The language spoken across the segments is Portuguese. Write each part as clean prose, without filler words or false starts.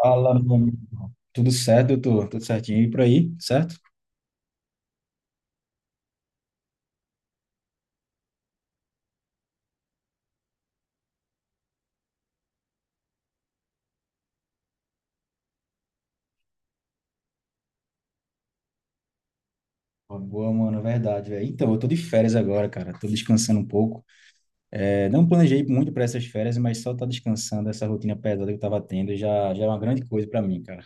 Fala, meu amigo. Tudo certo, doutor? Tudo certinho e por aí, certo? Boa, mano, é verdade, velho. Então, eu tô de férias agora, cara. Tô descansando um pouco. É, não planejei muito para essas férias, mas só tá descansando essa rotina pesada que eu tava tendo já é uma grande coisa para mim, cara.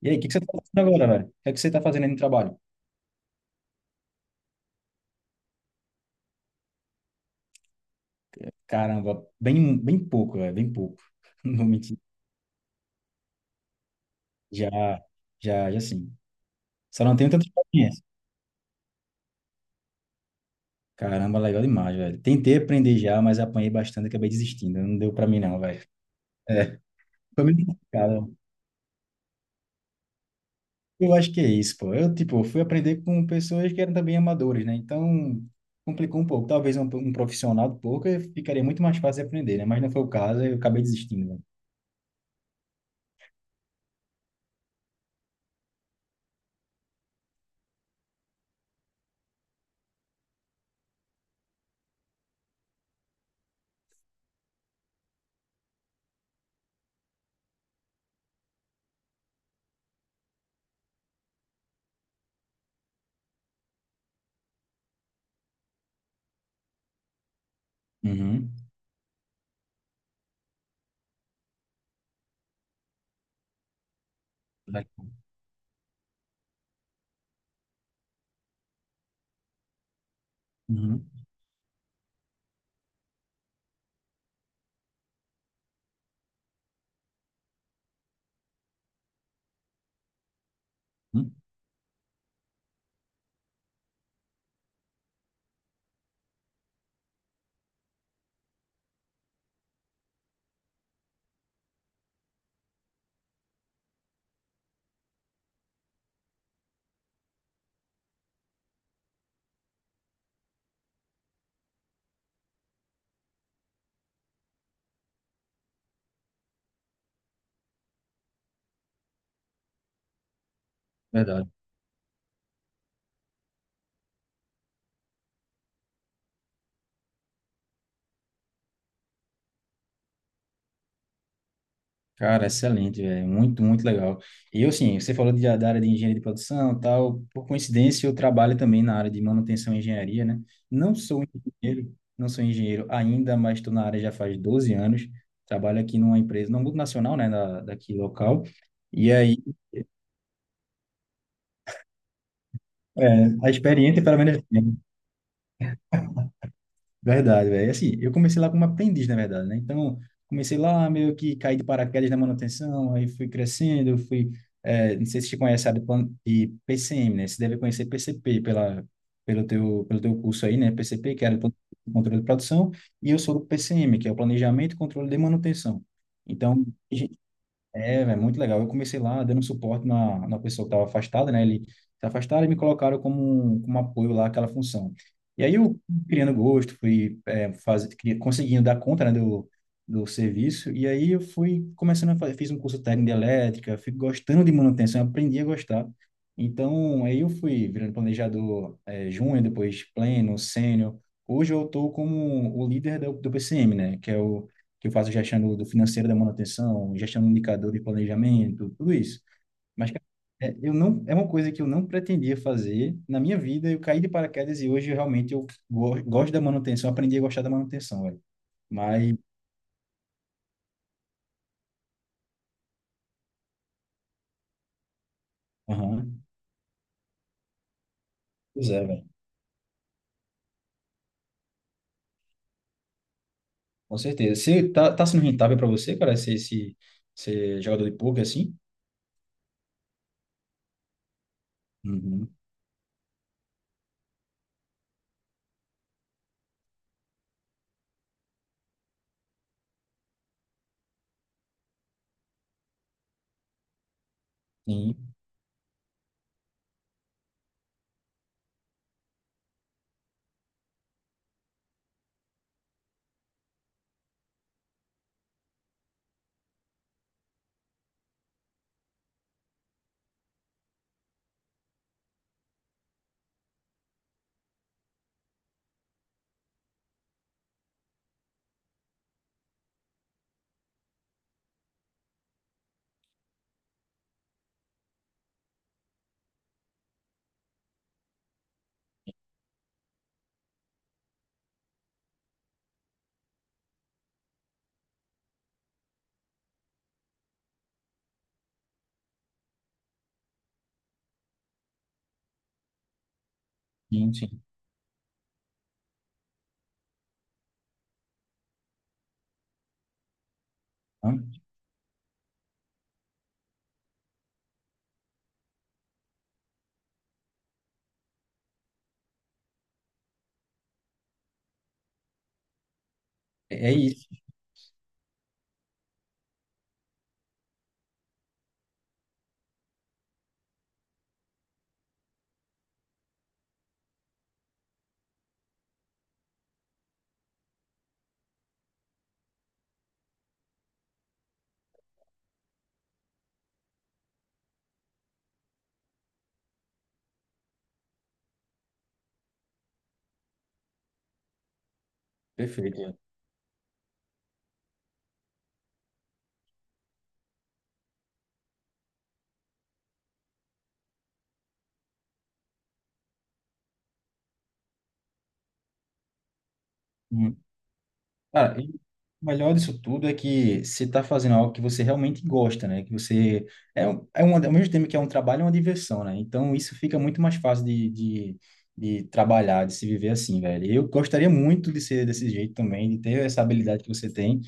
E aí, o que que você tá fazendo agora, velho? O que é que você tá fazendo aí no trabalho? Caramba, bem pouco, velho, bem pouco. Não vou mentir. Já, já sim. Só não tenho tanta experiência. Caramba, legal demais, velho. Tentei aprender já, mas apanhei bastante, e acabei desistindo. Não deu para mim, não, velho. É. Foi muito complicado. Eu acho que é isso, pô. Eu, tipo, fui aprender com pessoas que eram também amadores, né? Então, complicou um pouco. Talvez um profissional do poker ficaria muito mais fácil de aprender, né? Mas não foi o caso, eu acabei desistindo, né? Uhum. Verdade. Uhum. Uhum. Verdade. Cara, excelente, velho. Muito, muito legal. E eu, assim, você falou da área de engenharia de produção e tal. Por coincidência, eu trabalho também na área de manutenção e engenharia, né? Não sou não sou engenheiro ainda, mas estou na área já faz 12 anos. Trabalho aqui numa empresa, numa multinacional, né, daqui local. E aí, é, a experiência, pelo menos. Verdade, velho. Assim, eu comecei lá como aprendiz, na verdade, né? Então, comecei lá meio que caí de paraquedas na manutenção, aí fui crescendo, não sei se te conhece, sabe, de PCM, né? Você deve conhecer PCP pelo teu curso aí, né? PCP, que era o Plano de Controle de Produção, e eu sou do PCM, que é o Planejamento e Controle de Manutenção. Então, é muito legal. Eu comecei lá dando suporte na pessoa que estava afastada, né? Ele se afastaram e me colocaram como um apoio lá àquela função. E aí eu fui criando gosto, fui é, faz, cri- conseguindo dar conta, né, do serviço. E aí eu fui começando a fazer, fiz um curso técnico de elétrica, fui gostando de manutenção, aprendi a gostar. Então, aí eu fui virando planejador júnior, depois pleno, sênior. Hoje eu estou como o líder do PCM, né? Que é o que eu faço gestão do financeiro da manutenção, gestão do indicador de planejamento, tudo isso. Mas cara, é, eu não, é uma coisa que eu não pretendia fazer na minha vida. Eu caí de paraquedas e hoje eu realmente eu go gosto da manutenção, aprendi a gostar da manutenção, velho. Mas, aham, pois é, velho. Com certeza. Você tá sendo rentável para você, cara, ser, esse, ser jogador de poker assim? Uhum. Sim, sim. Hã? É é isso. Perfeito. Cara, e o melhor disso tudo é que você está fazendo algo que você realmente gosta, né? Que você é, um- É um, ao mesmo tempo que é um trabalho, é uma diversão, né? Então isso fica muito mais fácil de trabalhar, de se viver assim, velho. Eu gostaria muito de ser desse jeito também, de ter essa habilidade que você tem,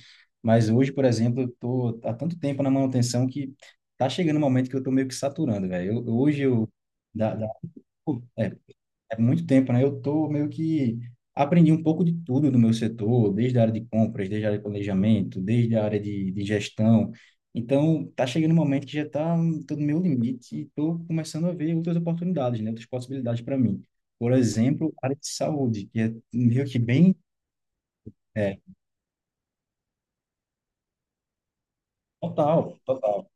mas hoje, por exemplo, eu tô há tanto tempo na manutenção que tá chegando um momento que eu tô meio que saturando, velho. Eu- Hoje eu da, da- é, é muito tempo, né? Eu tô meio que aprendi um pouco de tudo do meu setor, desde a área de compras, desde a área de planejamento, desde a área de gestão. Então, tá chegando um momento que já está no meu limite e tô começando a ver outras oportunidades, né? Outras possibilidades para mim. Por exemplo, a área de saúde, que é meio que bem, é, total, total.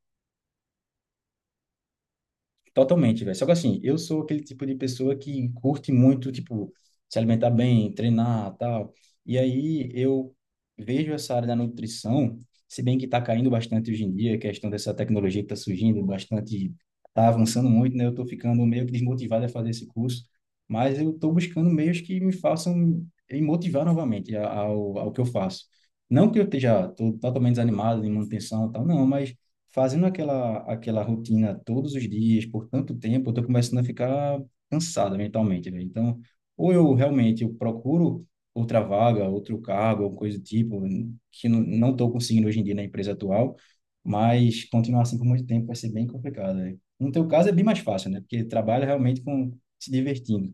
Totalmente, velho. Só que assim, eu sou aquele tipo de pessoa que curte muito, tipo, se alimentar bem, treinar, tal. E aí eu vejo essa área da nutrição, se bem que tá caindo bastante hoje em dia, a questão dessa tecnologia que tá surgindo bastante, tá avançando muito, né? Eu tô ficando meio que desmotivado a fazer esse curso, mas eu tô buscando meios que me façam me motivar novamente ao que eu faço. Não que eu esteja tô totalmente desanimado em manutenção, e tal, não, mas fazendo aquela rotina todos os dias, por tanto tempo, eu tô começando a ficar cansado mentalmente, né? Então, ou eu realmente eu procuro outra vaga, outro cargo, alguma coisa do tipo, que não tô conseguindo hoje em dia na empresa atual, mas continuar assim por muito tempo vai ser bem complicado, né? No teu caso é bem mais fácil, né? Porque trabalha realmente com se divertindo.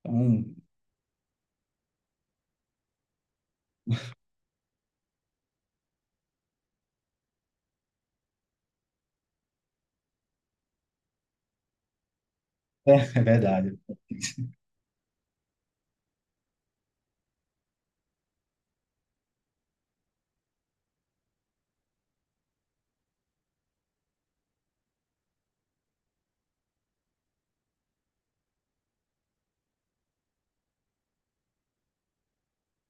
Então, é, verdade.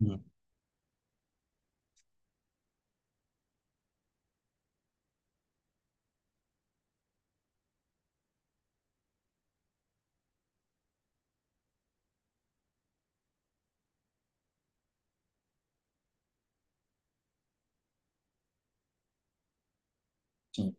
Hum, Sim.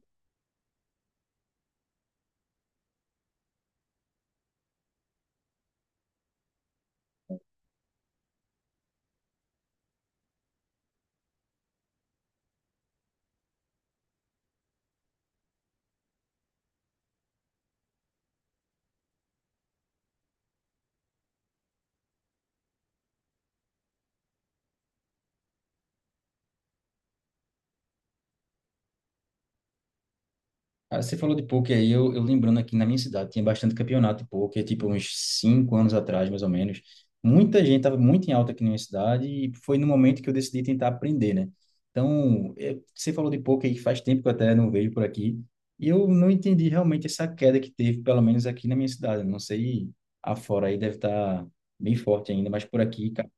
Ah, você falou de pôquer aí, eu lembrando aqui na minha cidade, tinha bastante campeonato de pôquer, tipo uns 5 anos atrás, mais ou menos. Muita gente estava muito em alta aqui na minha cidade e foi no momento que eu decidi tentar aprender, né? Então, você falou de pôquer aí, faz tempo que eu até não vejo por aqui, e eu não entendi realmente essa queda que teve, pelo menos aqui na minha cidade. Não sei, afora aí deve estar bem forte ainda, mas por aqui, cara,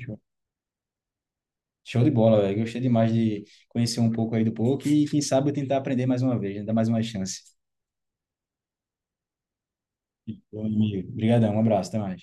show show de bola, velho. Gostei demais de conhecer um pouco aí do pôquer e quem sabe eu tentar aprender mais uma vez, né? Dar mais uma chance. Bom, amigo. Obrigadão, um abraço, até mais.